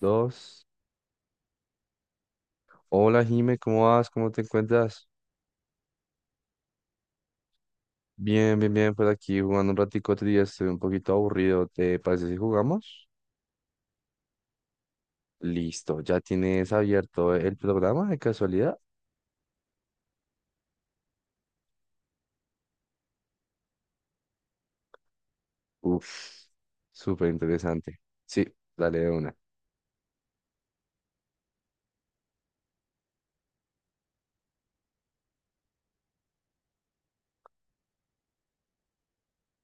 Dos. Hola, Jime, ¿cómo vas? ¿Cómo te encuentras? Bien, bien, bien, por aquí jugando un ratico otro día, estoy un poquito aburrido. ¿Te parece si jugamos? Listo, ¿ya tienes abierto el programa de casualidad? Uf, súper interesante. Sí, dale de una.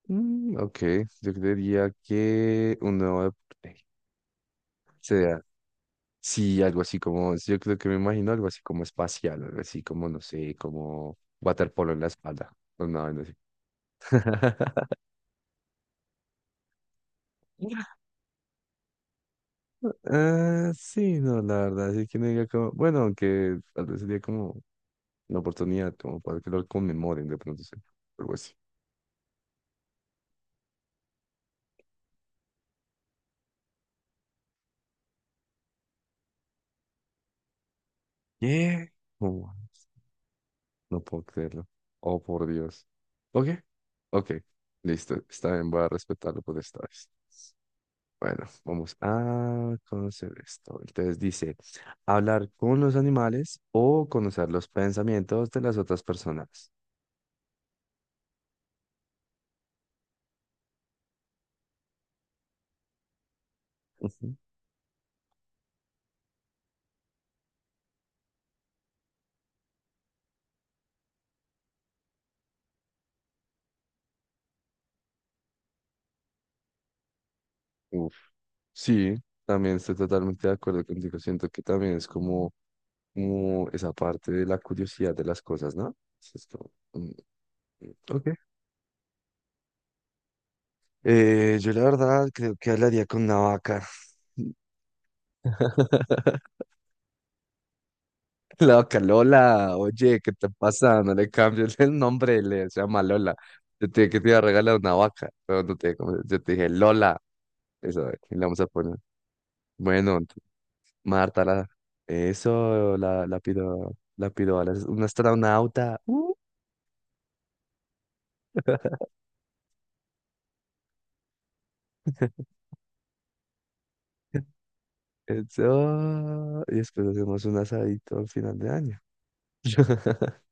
Ok, yo creería que un nuevo deporte sea, sí, algo así como, yo creo que me imagino algo así como espacial, algo así como, no sé, como waterpolo en la espalda, o nada, no sé. Ah, sí, no, la verdad, sí que no diga como, bueno, aunque tal vez sería como una oportunidad como para que lo conmemoren de pronto, sí, algo así. ¿Qué? Oh, no puedo creerlo. Oh, por Dios. Ok, ok, listo, está bien, voy a respetarlo por esta vez. Bueno, vamos a conocer esto. Entonces dice, hablar con los animales o conocer los pensamientos de las otras personas. Ujú. Sí, también estoy totalmente de acuerdo contigo. Siento que también es como esa parte de la curiosidad de las cosas, ¿no? Es esto, mm, ok. Yo la verdad creo que hablaría con una vaca. La vaca Lola, oye, ¿qué te pasa? No le cambies el nombre, le se llama Lola. Yo te dije que te iba a regalar una vaca, pero no te, yo te dije Lola, eso, ¿qué le vamos a poner? Bueno, Marta, la, eso, la pido una astronauta. ¡Uh! Eso. Y después hacemos un asadito al final de año.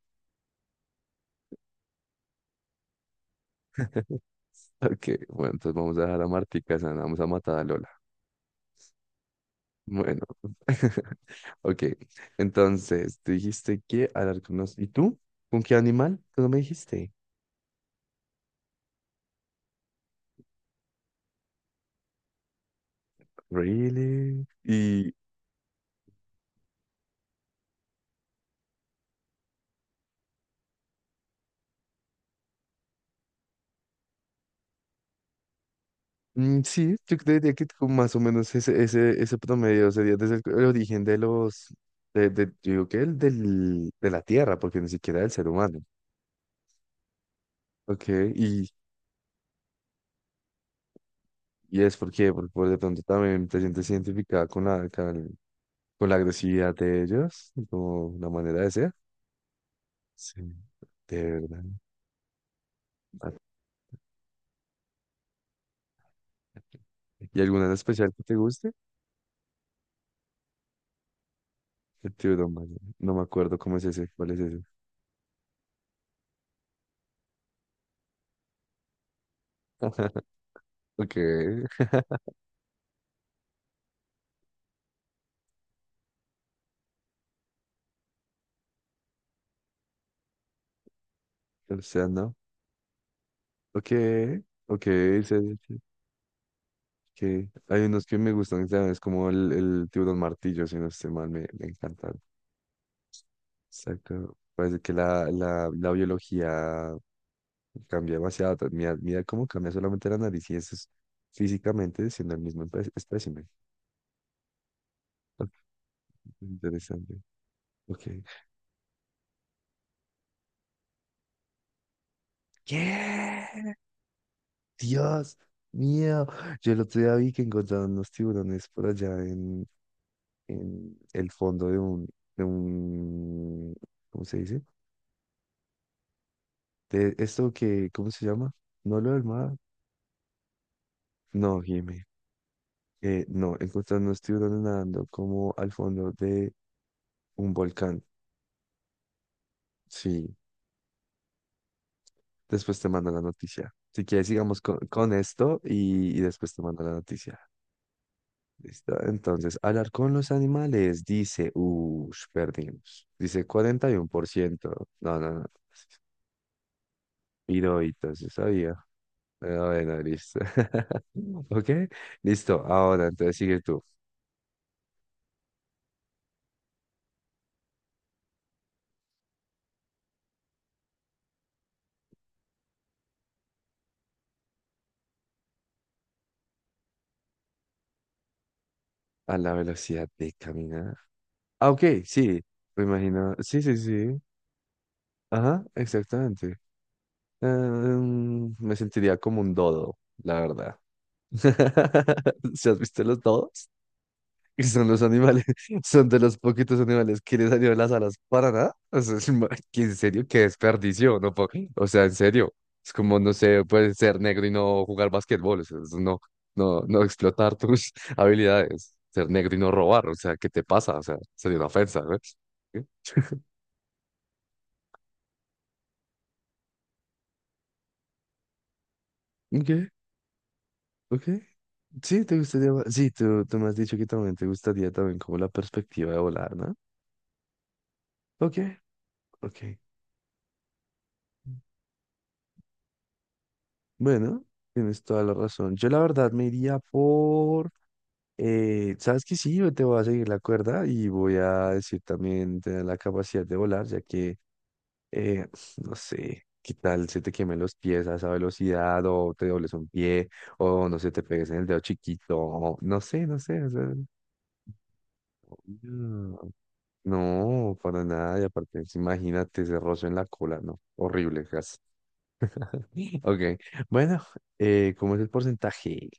Ok, bueno, entonces vamos a dejar a Martica sana, vamos a matar a Lola. Bueno, ok. Entonces, tú dijiste que hablar ¿Y tú? ¿Con qué animal? ¿Tú no me dijiste? Really? Y Mm, sí, yo diría que como más o menos ese promedio sería desde el origen de los, de- yo digo que de la Tierra, porque ni siquiera del ser humano. Ok, y, y es porque, por de pronto también te sientes identificada con la agresividad de ellos, como la manera de ser. Sí, de verdad. Ah, ¿y alguna en especial que te guste? El tiburón, marino. No me acuerdo cómo es ese, cuál es ese. Ok, o sea, no. Ok, ok, sí, sí, sí. Que hay unos que me gustan, ¿sabes? Como el tiburón martillo, si no estoy mal, me encantan. Exacto. Parece que la biología cambia demasiado. Mira, mira cómo cambia solamente la nariz y eso es físicamente siendo el mismo espécimen. Ok, interesante. Ok. ¿Qué? Dios mío. Yo el otro día vi que encontraron unos tiburones por allá en el fondo de un, de un, ¿cómo se dice? De esto que, ¿cómo se llama? No lo del mar. No, Jimmy. No, encontrarnos tiburones nadando como al fondo de un volcán. Sí, después te mando la noticia. Si quieres, sigamos con esto y después te mando la noticia. ¿Listo? Entonces, hablar con los animales dice, uff, perdimos. Dice 41%. No, no, no. Hirohito, se sabía. Pero bueno, listo. ¿Ok? Listo. Ahora, entonces sigue tú. A la velocidad de caminar. Ah, ok, sí, me imagino. Sí, sí, sí. Ajá, exactamente. Me sentiría como un dodo, la verdad. ¿Se has visto los dodos? Que son los animales, son de los poquitos animales que les salieron las alas para nada. O sea, que en serio, qué desperdicio, no. O sea, en serio. Es como, no sé, puedes ser negro y no jugar basquetbol. O sea, es no explotar tus habilidades. Ser negro y no robar. O sea, ¿qué te pasa? O sea, sería una ofensa, ¿ves? Ok, sí, te gustaría, sí, tú me has dicho que también te gustaría también como la perspectiva de volar, ¿no? Ok, ok. Bueno, tienes toda la razón. Yo la verdad me iría por, ¿sabes qué? Sí, yo te voy a seguir la cuerda y voy a decir también tener la capacidad de volar, ya que, eh, no sé, qué tal se te quemen los pies a esa velocidad o te dobles un pie o no sé, te pegues en el dedo chiquito, o no sé, no sé. O sea, no. No, para nada. Y aparte, pues, imagínate ese roce en la cola, ¿no? Horrible, gas. Ok. Bueno, ¿cómo es el porcentaje?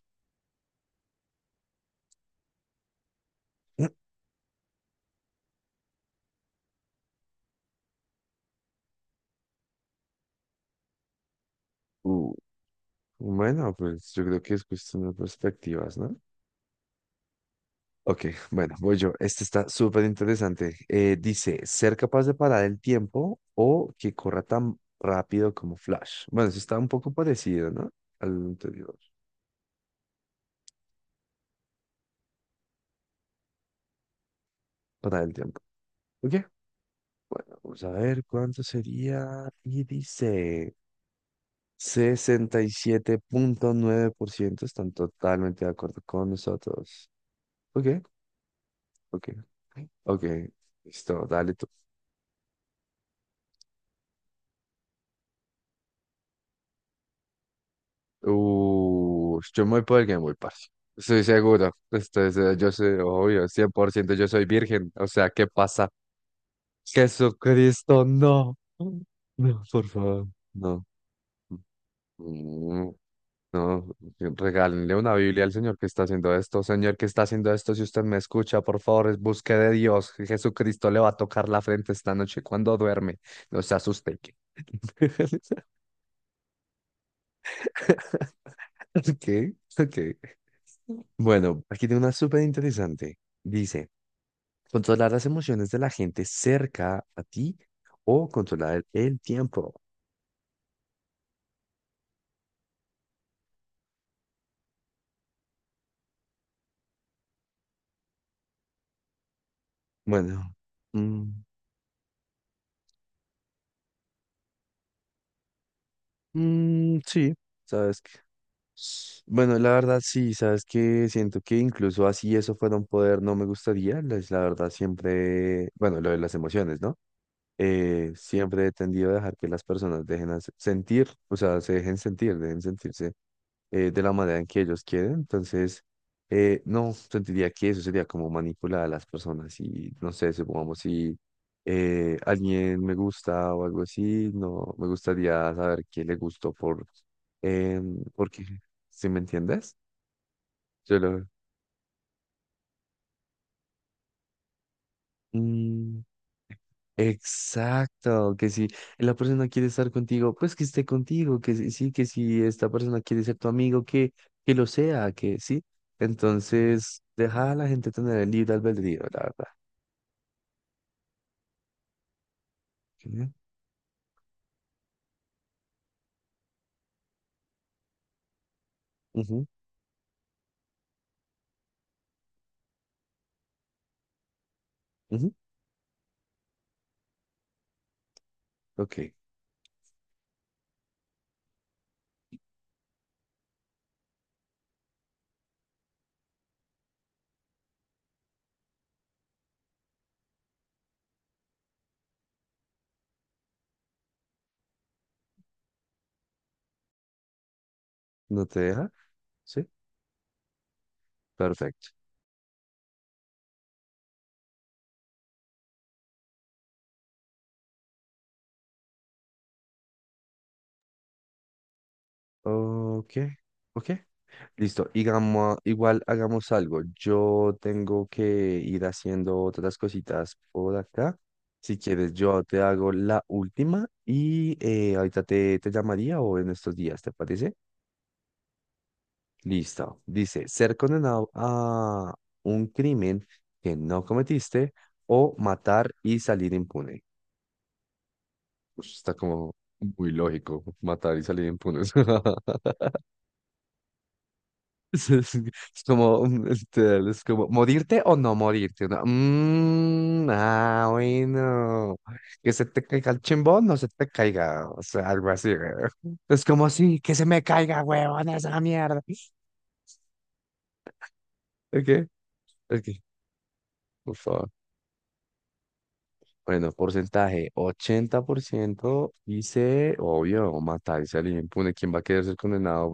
Uh, bueno, pues yo creo que es cuestión de perspectivas, ¿no? Ok, bueno, voy yo. Este está súper interesante. Dice, ser capaz de parar el tiempo o que corra tan rápido como Flash. Bueno, eso está un poco parecido, ¿no? Al anterior, parar el tiempo. Ok, bueno, vamos a ver cuánto sería. Y dice... 67.9% están totalmente de acuerdo con nosotros. Ok, ok, ok. Listo, dale tú. Yo me voy por el Game Boy, parce. Estoy seguro. Yo soy, obvio, 100%, yo soy virgen. O sea, ¿qué pasa? Jesucristo, no. No, por favor, no. Mm, no, regálenle una Biblia al Señor que está haciendo esto. Señor que está haciendo esto, si usted me escucha, por favor, busque de Dios. Jesucristo le va a tocar la frente esta noche cuando duerme. No se asuste. ¿Qué? ¿Qué? ¿Qué? Bueno, aquí tiene una súper interesante. Dice, controlar las emociones de la gente cerca a ti o controlar el tiempo. Bueno, mm, mm, sí, sabes que bueno, la verdad sí, sabes que siento que incluso así eso fuera un poder no me gustaría, la verdad siempre, bueno, lo de las emociones, ¿no? Siempre he tendido a dejar que las personas dejen hacer- sentir, o sea, se dejen sentir, dejen sentirse de la manera en que ellos quieren. Entonces, no, sentiría que eso sería como manipular a las personas y no sé, supongamos si alguien me gusta o algo así, no, me gustaría saber qué le gustó por, porque, ¿sí me entiendes? Yo lo... mm, exacto, que si la persona quiere estar contigo, pues que esté contigo, que sí, que si esta persona quiere ser tu amigo, que lo sea, que sí. Entonces, deja a la gente tener el libre albedrío, la verdad. Ujú, ujú, ujú, ok, ¿no te deja? Sí, perfecto. Ok, ok. Listo, digamos, igual hagamos algo. Yo tengo que ir haciendo otras cositas por acá. Si quieres, yo te hago la última y ahorita te llamaría o en estos días, ¿te parece? Listo. Dice, ser condenado a un crimen que no cometiste o matar y salir impune. Ush, está como muy lógico, matar y salir impunes. Es como, es como, ¿morirte o no morirte? Uno, "Mm, ah, bueno, que se te caiga el chimbón, no se te caiga, o sea, algo así, güey. Es como, sí, que se me caiga, huevón, esa mierda. Ok, ok, por favor. Bueno, porcentaje, 80% dice, obvio, matarse a alguien impune, ¿quién va a querer ser condenado?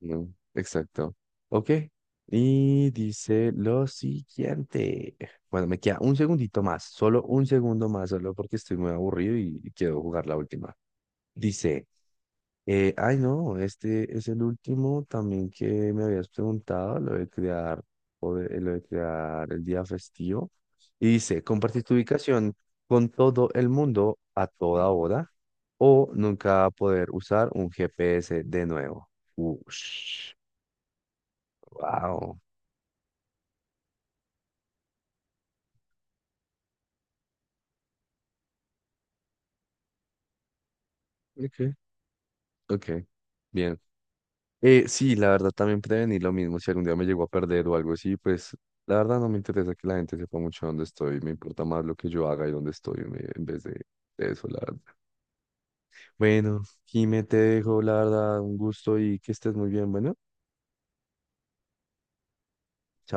No, exacto. Ok. Y dice lo siguiente. Bueno, me queda un segundito más, solo un segundo más, solo porque estoy muy aburrido y quiero jugar la última. Dice, ay no, este es el último también que me habías preguntado, lo de crear, o lo de crear el día festivo. Y dice, compartir tu ubicación con todo el mundo a toda hora o nunca poder usar un GPS de nuevo. Ush. Wow. Okay, okay, bien. Sí, la verdad también prevenir lo mismo. Si algún día me llego a perder o algo así, pues la verdad no me interesa que la gente sepa mucho dónde estoy. Me importa más lo que yo haga y dónde estoy en vez de eso, la verdad. Bueno, Jime, te dejo, la verdad, un gusto y que estés muy bien. Bueno, chao.